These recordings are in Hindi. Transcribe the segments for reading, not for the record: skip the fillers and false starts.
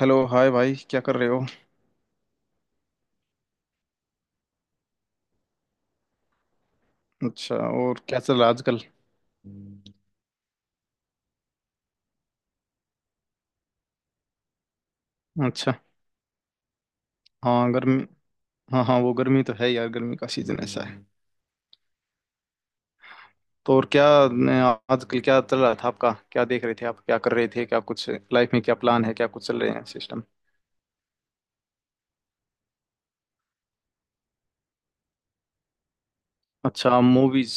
हेलो, हाय भाई, क्या कर रहे हो? अच्छा। और क्या चल रहा है आजकल? अच्छा। हाँ, गर्मी। हाँ हाँ, वो गर्मी तो है यार, गर्मी का सीजन ऐसा है। तो और क्या। न- आजकल क्या चल रहा था आपका, क्या देख रहे थे आप, क्या कर रहे थे, क्या कुछ लाइफ में, क्या प्लान है, क्या कुछ चल रहे हैं सिस्टम? अच्छा, मूवीज।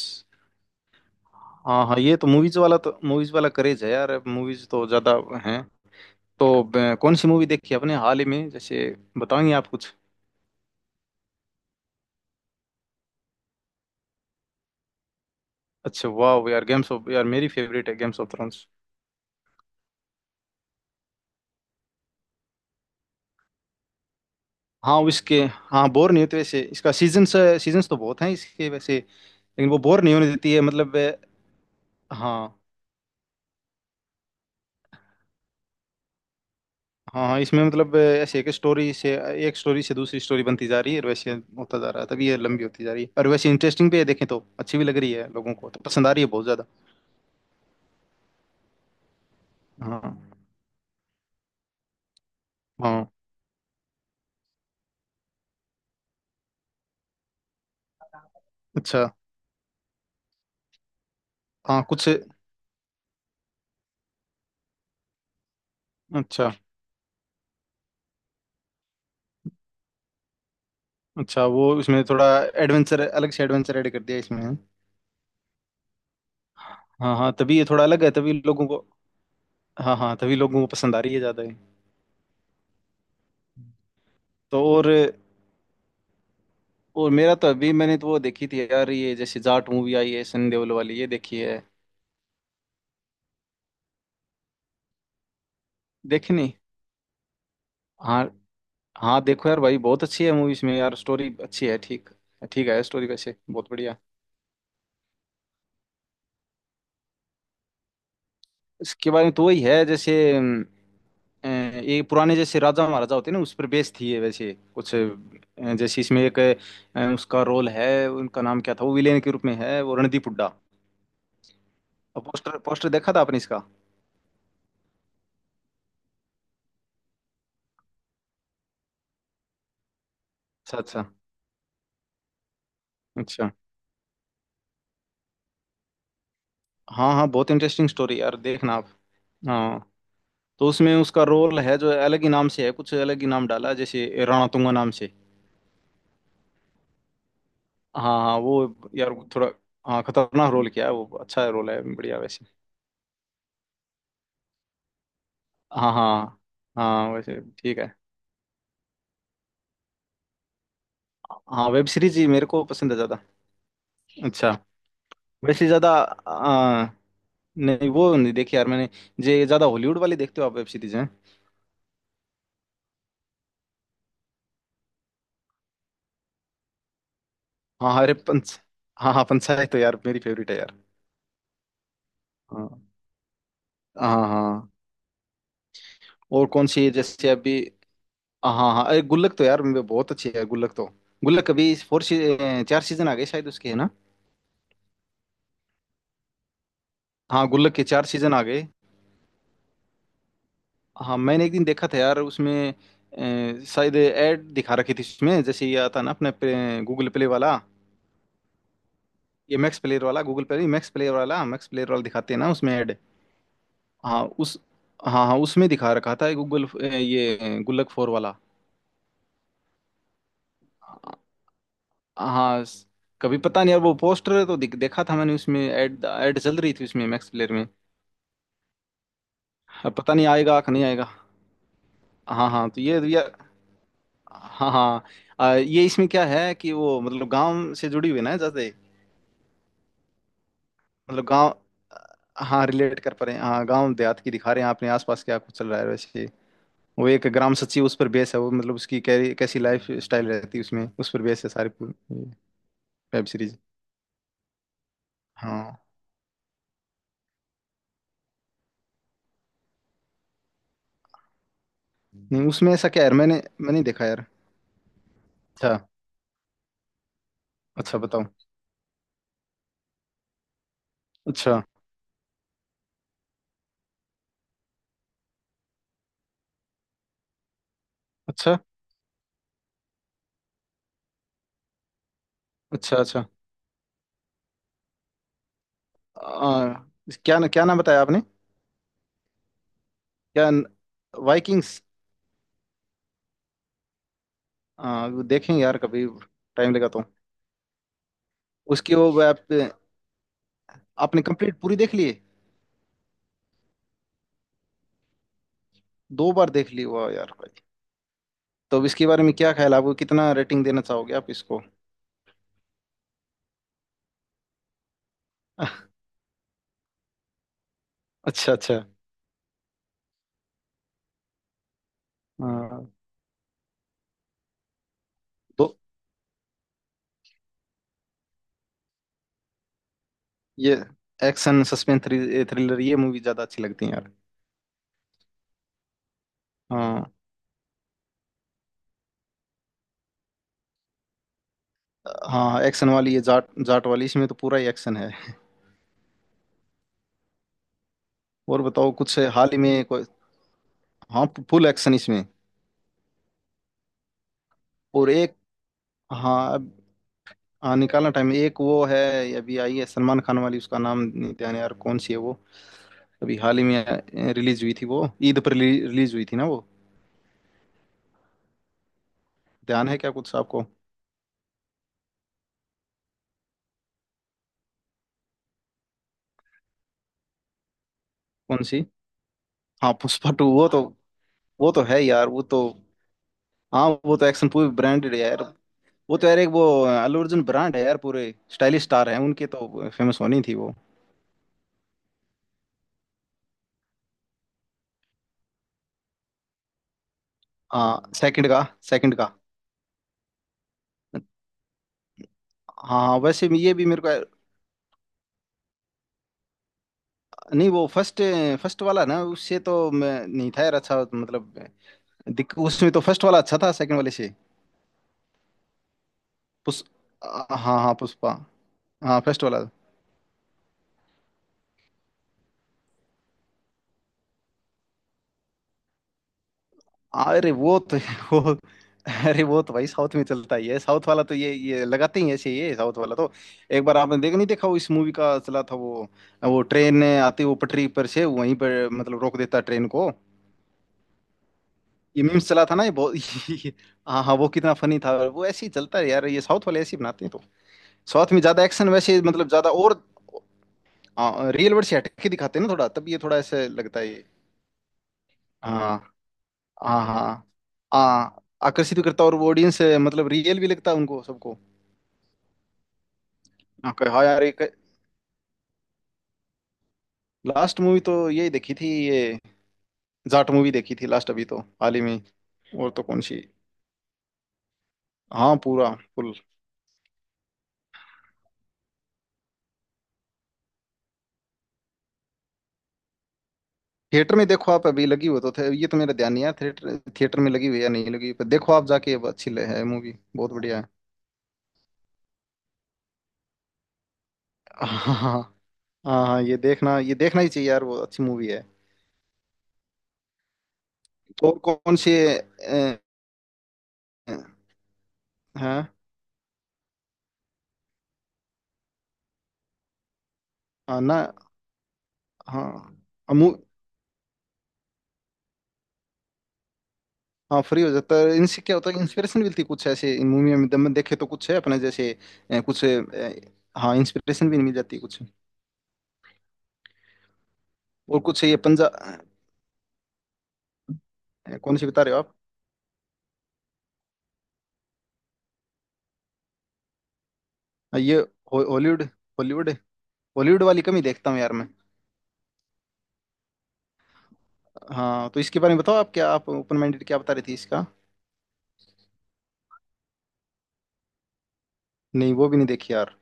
हाँ हाँ, ये तो मूवीज वाला क्रेज है यार, मूवीज तो ज्यादा हैं। तो कौन सी मूवी देखी आपने हाल ही में, जैसे बताएंगे आप कुछ? अच्छा, वाह यार, गेम्स ऑफ यार मेरी फेवरेट है गेम्स ऑफ थ्रोन्स। हाँ, इसके। हाँ, बोर नहीं होते वैसे इसका सीजन्स सीजन्स तो बहुत हैं इसके वैसे, लेकिन वो बोर नहीं होने देती है मतलब। हाँ हाँ हाँ, इसमें मतलब ऐसे एक स्टोरी से दूसरी स्टोरी बनती जा रही है, और वैसे होता जा रहा है तभी ये लंबी होती जा रही है। और वैसे इंटरेस्टिंग भी है, देखें तो अच्छी भी लग रही है, लोगों को तो पसंद आ रही है बहुत ज़्यादा। हाँ हाँ। अच्छा। हाँ, कुछ। अच्छा, अच्छा। वो इसमें थोड़ा एडवेंचर, अलग से एडवेंचर ऐड कर दिया इसमें। हाँ हाँ, तभी ये थोड़ा अलग है तभी लोगों को। हाँ हाँ, तभी लोगों को पसंद आ रही है ज़्यादा है। तो और। और मेरा तो अभी मैंने तो वो देखी थी यार, ये जैसे जाट मूवी आई है सनी देओल वाली, ये देखी है। देखनी। हाँ। हाँ, देखो यार भाई बहुत अच्छी है मूवी, इसमें यार स्टोरी अच्छी है। ठीक ठीक है स्टोरी वैसे, बहुत बढ़िया। इसके बारे में तो वही है जैसे ये पुराने जैसे राजा महाराजा होते हैं ना, उस पर बेस्ड थी ये वैसे कुछ जैसे इसमें एक उसका रोल है। उनका नाम क्या था वो विलेन के रूप में है, वो रणदीप हुड्डा। पोस्टर पोस्टर देखा था आपने इसका? अच्छा अच्छा, अच्छा। हाँ हाँ, बहुत इंटरेस्टिंग स्टोरी यार, देखना आप। हाँ, तो उसमें उसका रोल है जो अलग ही नाम से है, कुछ अलग ही नाम डाला है, जैसे रणतुंगा नाम से। हाँ हाँ, वो यार। थोड़ा। हाँ, खतरनाक रोल किया है वो, अच्छा रोल है बढ़िया वैसे। हाँ हाँ। हाँ, वैसे ठीक है। हाँ, वेब सीरीज ही मेरे को पसंद है ज़्यादा। अच्छा। वैसे ज़्यादा। आ, नहीं वो नहीं देखी यार मैंने। जे ज़्यादा हॉलीवुड वाली देखते हो आप वेब सीरीज हैं? हाँ हाँ, अरे पंच हाँ हाँ, पंचायत तो यार मेरी फेवरेट है यार। हाँ हाँ हाँ। और कौन सी है जैसे अभी? हाँ हाँ, अरे गुल्लक तो यार मेरे बहुत अच्छी है गुल्लक तो। गुल्लक अभी चार सीजन आ गए शायद उसके, है ना? हाँ, गुल्लक के चार सीजन आ गए। हाँ, मैंने एक दिन देखा था यार, उसमें शायद ऐड दिखा रखी थी उसमें, जैसे ये आता ना अपने गूगल प्ले वाला। ये मैक्स प्लेयर वाला, गूगल प्ले, मैक्स प्लेयर वाला दिखाते हैं ना उसमें ऐड। हाँ, उस। हाँ हाँ, उसमें दिखा रखा था गूगल। ये गुल्लक 4 वाला। हाँ कभी पता नहीं यार, वो पोस्टर तो देखा था मैंने, उसमें ऐड ऐड चल रही थी उसमें मैक्स प्लेयर में। अब पता नहीं आएगा कि नहीं आएगा। हाँ हाँ, तो ये। हाँ हाँ। ये इसमें क्या है कि वो मतलब गांव से जुड़ी हुई है ना जैसे। मतलब गांव। हाँ, रिलेट कर पा रहे हैं, हाँ गांव देहात की दिखा रहे हैं, अपने आसपास क्या कुछ चल रहा है वैसे। वो एक ग्राम सचिव उस पर बेस है वो, मतलब उसकी कैसी लाइफ स्टाइल रहती है उसमें, उस पर बेस है सारी वेब सीरीज। हाँ। नहीं, उसमें ऐसा क्या है यार, मैंने मैंने नहीं देखा यार। अच्छा। अच्छा, बताओ। अच्छा अच्छा अच्छा। अच्छा। आ, क्या क्या नाम बताया आपने? क्या? वाइकिंग्स। हाँ, वो देखेंगे यार कभी, टाइम लगा तो। उसकी वो वेब। आपने कंप्लीट पूरी देख ली है? 2 बार देख ली, हुआ यार भाई! तो अब इसके बारे में क्या ख्याल है आपको? कितना रेटिंग देना चाहोगे आप इसको? अच्छा, अच्छा। हाँ। तो ये एक्शन, सस्पेंस, थ्रिलर, ये मूवी ज्यादा अच्छी लगती है यार। हाँ। हाँ, एक्शन वाली ये जाट जाट वाली, इसमें तो पूरा ही एक्शन है। और बताओ, कुछ हाल ही में कोई? हाँ, फुल एक्शन इसमें। और एक। हाँ हाँ, निकालना टाइम, एक वो है। अभी आई है सलमान खान वाली, उसका नाम नहीं ध्यान है यार, कौन सी है वो? अभी हाल ही में रिलीज हुई थी वो। ईद पर रिलीज हुई थी ना वो? ध्यान है क्या कुछ आपको? कौन सी? हाँ, पुष्पा 2। वो तो। वो तो है यार, वो तो। हाँ, वो तो एक्शन पूरी ब्रांडेड है यार। वो तो यार, एक वो अल्लू अर्जुन ब्रांड है यार, पूरे स्टाइलिश स्टार हैं उनके, तो फेमस होनी थी वो। हाँ, सेकंड का। सेकंड का। हाँ हाँ, वैसे भी ये भी मेरे को। नहीं, वो फर्स्ट, फर्स्ट वाला ना, उससे तो मैं नहीं था यार, अच्छा मतलब उसमें तो फर्स्ट वाला अच्छा था सेकंड वाले से। पुष हाँ हाँ, पुष्पा। हाँ, फर्स्ट वाला। अरे वो तो वो। अरे वो तो भाई साउथ में चलता ही है, साउथ वाला तो ये लगाते ही ऐसे, ये साउथ वाला तो। एक बार आपने देख नहीं देखा वो, इस मूवी का चला था वो ट्रेन आती, वो पटरी पर से वहीं पर मतलब रोक देता ट्रेन को। ये मीम्स चला था ना ये बहुत। हाँ हाँ, वो कितना फनी था वो! ऐसे ही चलता है यार, ये साउथ वाले ऐसे ही बनाते हैं तो। साउथ में ज्यादा एक्शन वैसे, मतलब ज्यादा, और रियल वर्ल्ड से हटके दिखाते हैं ना थोड़ा, तब ये थोड़ा ऐसे लगता है। हाँ हाँ। हाँ हाँ, आकर्षित भी करता, और वो ऑडियंस मतलब रियल भी लगता है उनको सबको। हाँ, कहे, हाँ यार एक, लास्ट मूवी तो यही देखी थी ये, जाट मूवी देखी थी लास्ट अभी तो हाल ही में। और तो कौन सी? हाँ, पूरा। फुल। थिएटर में देखो आप, अभी लगी हुई तो थे ये, तो मेरा ध्यान नहीं है थिएटर थिएटर में लगी हुई या नहीं लगी हुई, पर देखो आप जाके अब, अच्छी है मूवी, बहुत बढ़िया है। हाँ। हाँ हाँ, ये देखना, ये देखना ही चाहिए यार, वो अच्छी मूवी है। और कौन सी है? हाँ, हाँ ना। हाँ हाँ, फ्री हो जाता है इनसे, क्या होता है कि इंस्पिरेशन मिलती है कुछ ऐसे, इन मूवी में देखे तो कुछ है अपने जैसे। कुछ हाँ, इंस्पिरेशन भी मिल जाती है कुछ। और कुछ ये पंजा कौन सी बता रहे हो आप? ये, हॉलीवुड, हॉलीवुड, हॉलीवुड वाली कम ही देखता हूँ यार मैं। हाँ, तो इसके बारे में बताओ आप, क्या आप ओपन माइंडेड, क्या बता रही थी इसका? नहीं, वो भी नहीं देखी यार।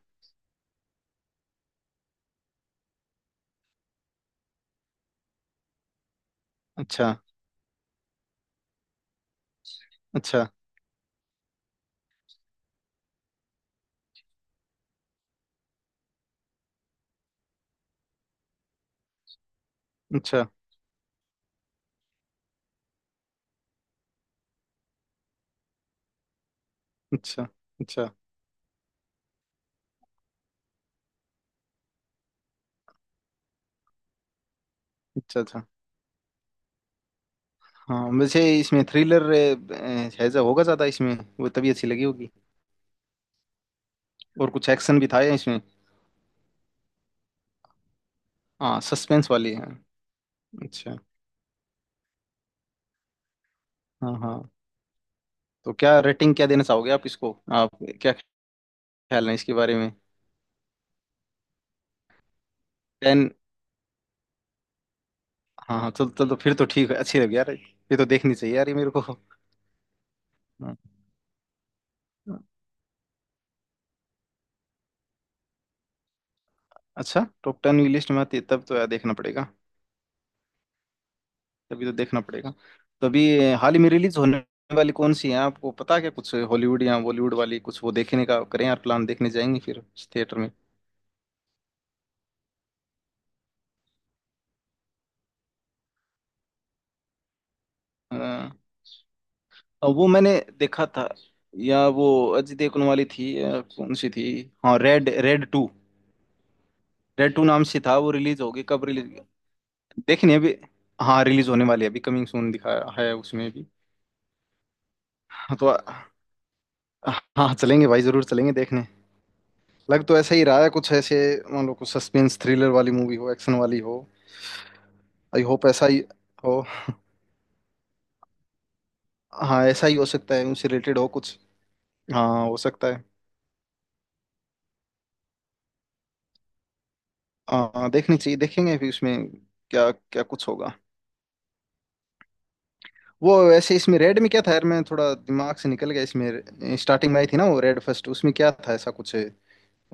अच्छा, अच्छा, अच्छा। अच्छा, अच्छा, अच्छा, अच्छा। हाँ, वैसे इसमें थ्रिलर है जो होगा ज्यादा इसमें, वो तभी अच्छी लगी होगी। और कुछ एक्शन भी था इसमें? हाँ, सस्पेंस वाली है। अच्छा। हाँ हाँ। तो क्या रेटिंग, क्या देना चाहोगे आप इसको, आप क्या ख्याल है इसके बारे में? 10। हाँ हाँ, चल चल तो फिर तो ठीक है, अच्छी लगी यार ये तो, देखनी चाहिए यार ये मेरे को, हाँ। हाँ। अच्छा, टॉप 10 की लिस्ट में आती है तब तो यार देखना पड़ेगा। तभी तो देखना पड़ेगा। तो अभी हाल ही में रिलीज होने वाली कौन सी है आपको पता है क्या कुछ, हॉलीवुड या बॉलीवुड वाली कुछ, वो देखने का करें यार प्लान, देखने जाएंगे फिर थिएटर में। और वो मैंने देखा था, या वो अजय देवगन वाली थी या कौन सी थी। हाँ, रेड, रेड 2। रेड 2 नाम से था वो, रिलीज होगी कब रिलीज? देखनी है अभी। हाँ, रिलीज होने वाली है अभी, कमिंग सून दिखाया है उसमें भी। हाँ, तो हाँ चलेंगे भाई, जरूर चलेंगे देखने। लग तो ऐसा ही रहा है कुछ ऐसे, मान लो कुछ सस्पेंस थ्रिलर वाली मूवी हो, एक्शन वाली हो। आई होप ऐसा ही हो। हाँ, ऐसा ही हो सकता है, उनसे रिलेटेड हो कुछ। हाँ, हो सकता है। हाँ, देखनी चाहिए, देखेंगे फिर उसमें क्या क्या कुछ होगा। वो वैसे इसमें रेड में क्या था यार, मैं थोड़ा दिमाग से निकल गया, इसमें स्टार्टिंग में आई थी ना वो रेड फर्स्ट, उसमें क्या था ऐसा कुछ है?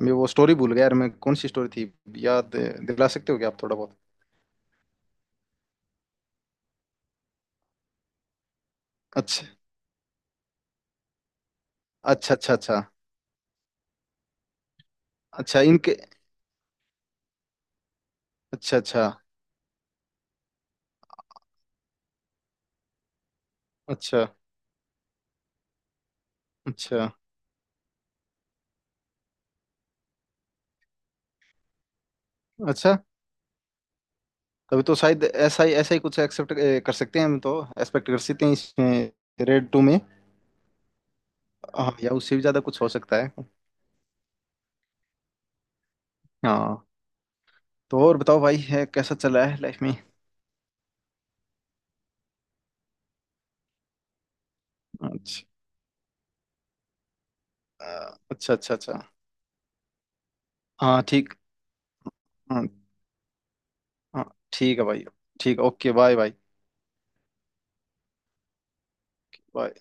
मैं वो स्टोरी भूल गया यार, मैं कौन सी स्टोरी थी, याद दिला सकते हो क्या आप थोड़ा बहुत? अच्छा, अच्छा, अच्छा। अच्छा, अच्छा, इनके। अच्छा, अच्छा, अच्छा, अच्छा, अच्छा। तभी तो शायद ऐसा ही कुछ एक्सेप्ट कर सकते हैं, हम तो एक्सपेक्ट कर सकते हैं इसमें रेड 2 में। हाँ, या उससे भी ज्यादा कुछ हो सकता है। हाँ। तो और बताओ भाई, है कैसा चल रहा है लाइफ में? अच्छा। अच्छा, अच्छा, अच्छा। हाँ, ठीक। हाँ। हाँ। ठीक है भाई। ठीक है, ओके, बाय बाय। बाय।